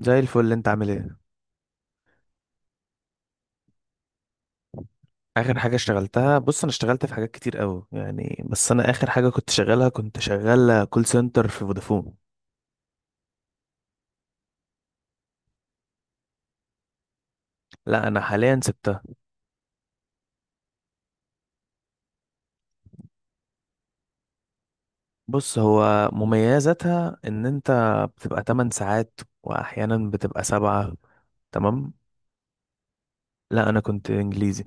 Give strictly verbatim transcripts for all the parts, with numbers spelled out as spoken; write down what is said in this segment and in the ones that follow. زي الفل. انت عامل ايه؟ اخر حاجه اشتغلتها، بص، انا اشتغلت في حاجات كتير قوي يعني، بس انا اخر حاجه كنت شغالها كنت شغال كول سنتر في فودافون. لا انا حاليا سبتها. بص، هو مميزاتها ان انت بتبقى 8 ساعات واحيانا بتبقى سبعة. تمام. لا انا كنت انجليزي.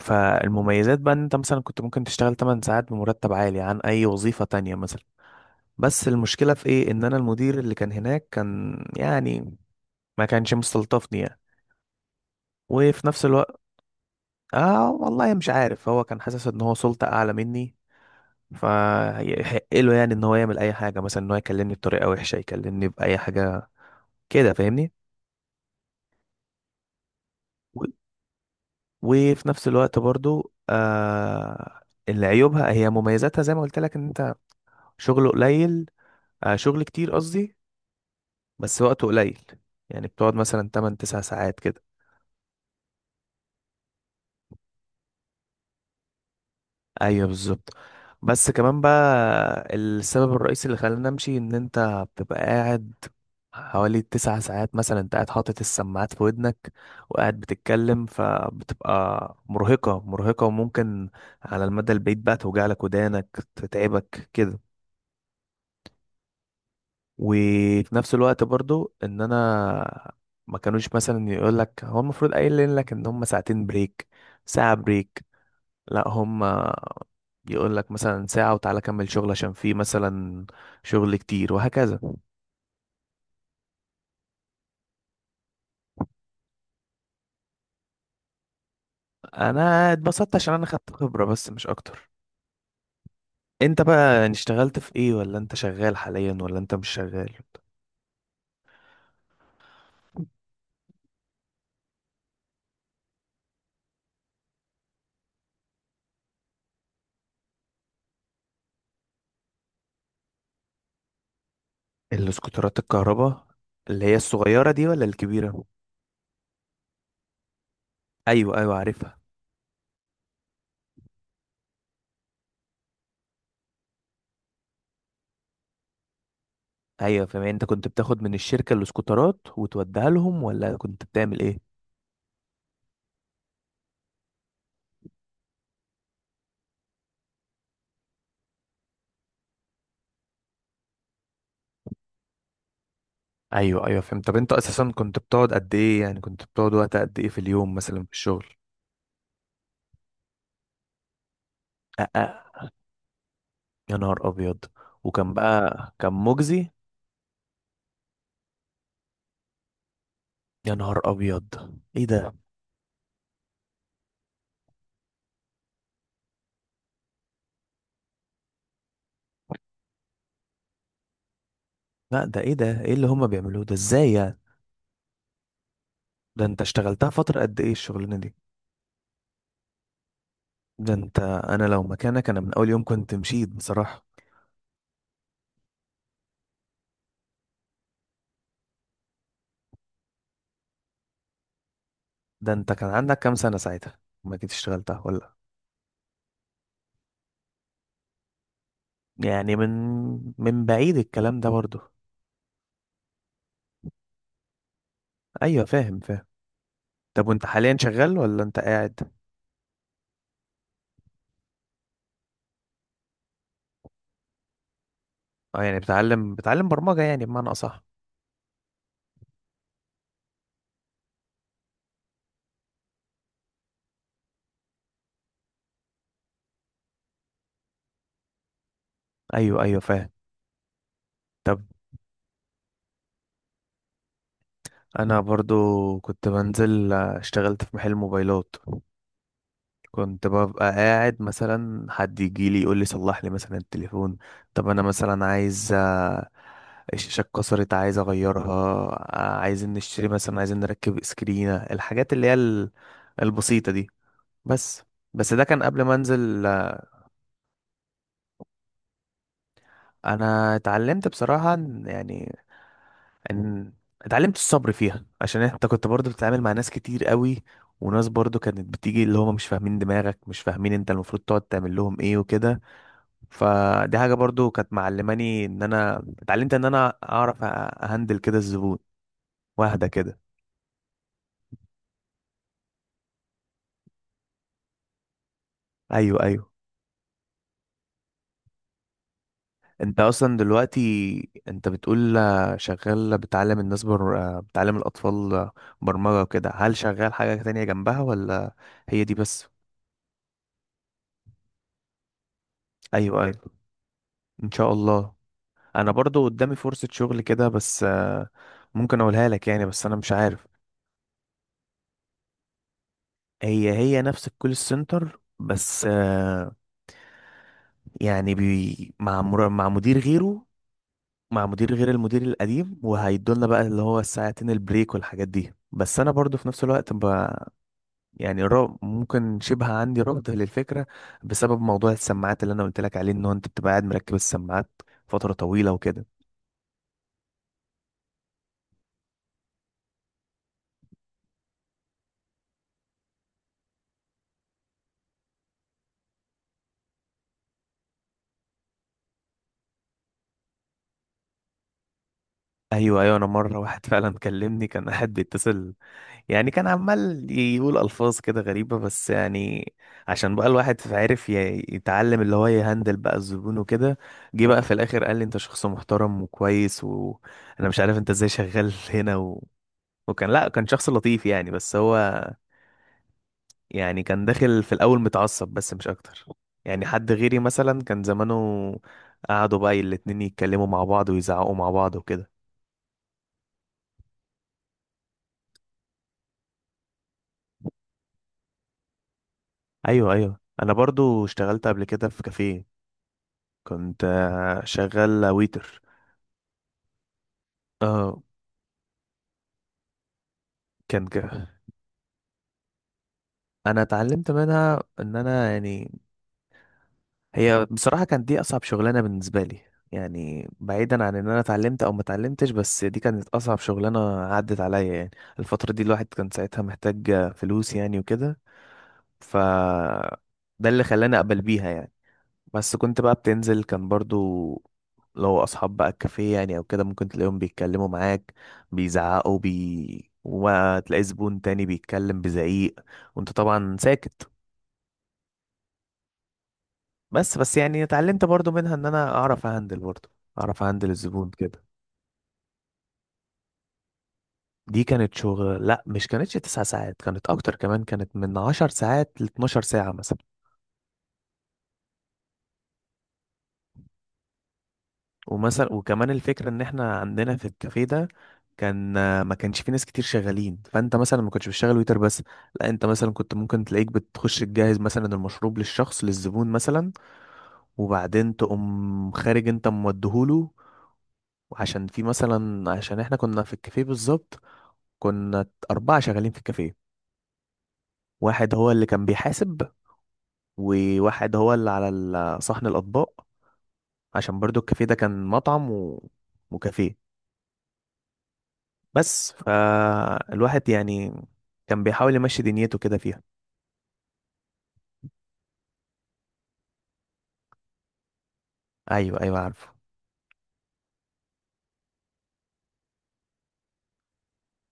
فالمميزات بقى ان انت مثلا كنت ممكن تشتغل 8 ساعات بمرتب عالي عن اي وظيفه تانية مثلا، بس المشكله في ايه؟ ان انا المدير اللي كان هناك كان يعني ما كانش مستلطفني يعني، وفي نفس الوقت، اه والله مش عارف، هو كان حاسس ان هو سلطة اعلى مني فيحق له يعني ان هو يعمل اي حاجة، مثلا ان هو يكلمني بطريقة وحشة، يكلمني بأي حاجة كده، فاهمني؟ و- وفي نفس الوقت برضو آه اللي عيوبها هي مميزاتها زي ما قلت لك، ان انت شغله قليل، آه شغل كتير قصدي، بس وقته قليل، يعني بتقعد مثلا تمنية تسعة ساعات كده. ايوه بالظبط. بس كمان بقى السبب الرئيسي اللي خلاني امشي، ان انت بتبقى قاعد حوالي تسع ساعات مثلا، انت قاعد حاطط السماعات في ودنك وقاعد بتتكلم، فبتبقى مرهقة مرهقة، وممكن على المدى البعيد بقى توجع لك ودانك، تتعبك كده. وفي نفس الوقت برضو ان انا ما كانوش مثلا، يقول لك هو المفروض قايل لك ان هم ساعتين بريك، ساعة بريك، لا هم يقول لك مثلا ساعة وتعالى كمل شغل، عشان في مثلا شغل كتير وهكذا. انا اتبسطت عشان انا خدت خبرة، بس مش اكتر. انت بقى يعني اشتغلت في ايه؟ ولا انت شغال حاليا ولا انت مش شغال؟ الاسكوترات الكهرباء اللي هي الصغيرة دي ولا الكبيرة؟ ايوه ايوه عارفها. ايوه فاهم. انت كنت بتاخد من الشركة الاسكوترات وتوديها لهم، ولا كنت بتعمل ايه؟ ايوه ايوه فهمت. طب انت اساسا كنت بتقعد قد ايه؟ يعني كنت بتقعد وقت قد ايه في اليوم مثلا في الشغل؟ يا نهار ابيض. وكان بقى كان مجزي؟ يا نهار ابيض، ايه ده؟ لا ده ايه ده؟ ايه اللي هما بيعملوه ده؟ ازاي يعني؟ ده انت اشتغلتها فترة قد ايه الشغلانة دي؟ ده انت، انا لو مكانك انا من اول يوم كنت مشيت بصراحة. ده انت كان عندك كام سنة ساعتها ما كنت اشتغلتها ولا؟ يعني من من بعيد الكلام ده برضه؟ ايوه فاهم فاهم. طب وانت حاليا شغال ولا انت قاعد؟ اه يعني بتعلم بتعلم برمجة يعني بمعنى اصح؟ ايوه ايوه فاهم. طب انا برضو كنت بنزل، آه، اشتغلت في محل موبايلات، كنت ببقى قاعد مثلا حد يجي لي يقول لي صلح لي مثلا التليفون، طب انا مثلا عايز، آه، الشاشه اتكسرت عايز اغيرها، آه، عايزين نشتري مثلا، عايزين نركب سكرينه، الحاجات اللي هي ال- البسيطه دي بس بس ده كان قبل ما انزل. آه، انا اتعلمت بصراحه يعني، ان اتعلمت الصبر فيها، عشان انت كنت برضو بتتعامل مع ناس كتير قوي، وناس برضو كانت بتيجي اللي هم مش فاهمين دماغك، مش فاهمين انت المفروض تقعد تعمل لهم ايه وكده، فدي حاجة برضو كانت معلماني، ان انا اتعلمت ان انا اعرف أ- اهندل كده الزبون واهدى كده. ايوه ايوه. انت اصلا دلوقتي انت بتقول آه، شغال بتعلم الناس بر... آه، بتعلم الاطفال آه، برمجة وكده، هل شغال حاجة تانية جنبها ولا هي دي بس؟ ايوه ايوه. ان شاء الله. انا برضو قدامي فرصة شغل كده بس آه، ممكن اقولها لك يعني، بس انا مش عارف. هي هي نفس الكول سنتر، بس آه، يعني بي مع مر- مع مدير غيره، مع مدير غير المدير القديم، وهيدولنا بقى اللي هو الساعتين البريك والحاجات دي، بس انا برضو في نفس الوقت ب... يعني را- ممكن شبه عندي رفض للفكرة، بسبب موضوع السماعات اللي انا قلت لك عليه، ان هو انت بتبقى قاعد مركب السماعات فترة طويلة وكده. ايوه ايوه. انا مرة واحد فعلا كلمني كان قاعد بيتصل، يعني كان عمال يقول ألفاظ كده غريبة، بس يعني عشان بقى الواحد عرف ي- يتعلم اللي هو يهندل بقى الزبون وكده، جه بقى في الآخر قال لي أنت شخص محترم وكويس، وأنا مش عارف أنت إزاي شغال هنا و... وكان، لأ كان شخص لطيف يعني، بس هو يعني كان داخل في الأول متعصب بس مش أكتر. يعني حد غيري مثلا كان زمانه قعدوا بقى الاتنين يتكلموا مع بعض ويزعقوا مع بعض وكده. أيوه أيوه. أنا برضو اشتغلت قبل كده في كافيه، كنت آه، شغال ويتر. اه. كان كده. انا اتعلمت منها ان انا يعني، هي بصراحة كانت دي اصعب شغلانة بالنسبة لي، يعني بعيدا عن ان انا اتعلمت او ما اتعلمتش، بس دي كانت اصعب شغلانة عدت عليا يعني. الفترة دي الواحد كان ساعتها محتاج فلوس يعني وكده، ف ده اللي خلاني اقبل بيها يعني. بس كنت بقى بتنزل، كان برضو لو اصحاب بقى الكافيه يعني او كده، ممكن تلاقيهم بيتكلموا معاك، بيزعقوا بي، وما تلاقي زبون تاني بيتكلم بزعيق، وانت طبعا ساكت. بس بس يعني اتعلمت برضو منها ان انا اعرف اهندل برضو، اعرف اهندل الزبون كده. دي كانت شغل، لا مش كانتش تسع ساعات، كانت اكتر كمان، كانت من عشر ساعات ل 12 ساعة مثلا. ومثلا وكمان الفكرة ان احنا عندنا في الكافيه ده كان آه، ما كانش في ناس كتير شغالين، فانت مثلا ما كنتش بتشتغل ويتر بس، لا انت مثلا كنت ممكن تلاقيك بتخش تجهز مثلا المشروب للشخص للزبون مثلا، وبعدين تقوم خارج انت موديهوله. وعشان في مثلا، عشان احنا كنا في الكافيه بالظبط، كنا أربعة شغالين في الكافيه، واحد هو اللي كان بيحاسب، وواحد هو اللي على ال- صحن الأطباق، عشان برضو الكافيه ده كان مطعم و... وكافيه بس، فالواحد يعني كان بيحاول يمشي دنيته كده فيها. ايوه ايوه عارفه.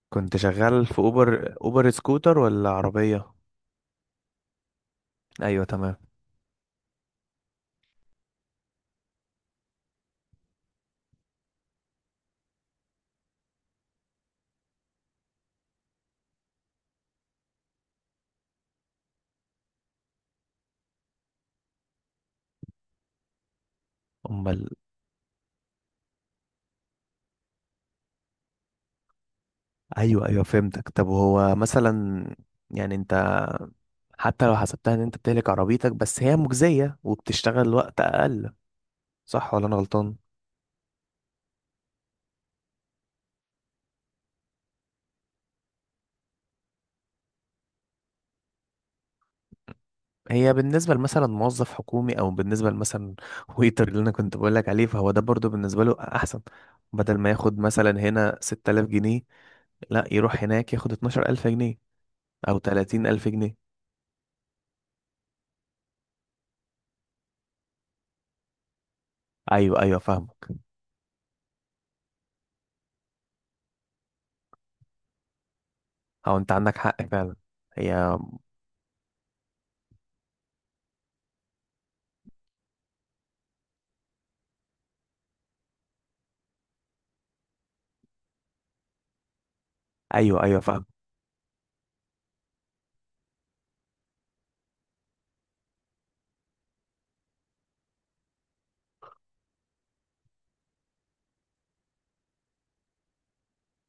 كنت شغال في اوبر، اوبر سكوتر ولا عربية؟ ايوه تمام. امال. ايوه ايوه فهمتك. طب هو مثلا، يعني انت حتى لو حسبتها ان انت بتهلك عربيتك، بس هي مجزية وبتشتغل وقت اقل، صح ولا انا غلطان؟ هي بالنسبة لمثلا موظف حكومي، أو بالنسبة لمثلا ويتر اللي أنا كنت بقولك عليه، فهو ده برضو بالنسبة له أحسن. بدل ما ياخد مثلا هنا ست تلاف جنيه، لا يروح هناك ياخد اتناشر ألف جنيه أو تلاتين ألف جنيه. أيوه أيوه فاهمك. أو أنت عندك حق فعلا. هي، أيوه أيوه فاهم.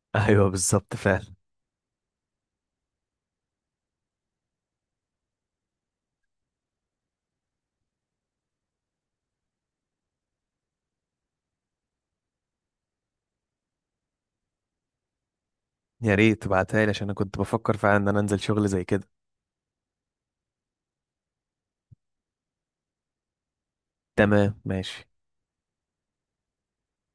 أيوه بالظبط فعلا. يا ريت تبعتها لي عشان أنا كنت بفكر فعلا إن أنا أنزل شغل زي كده. تمام ماشي.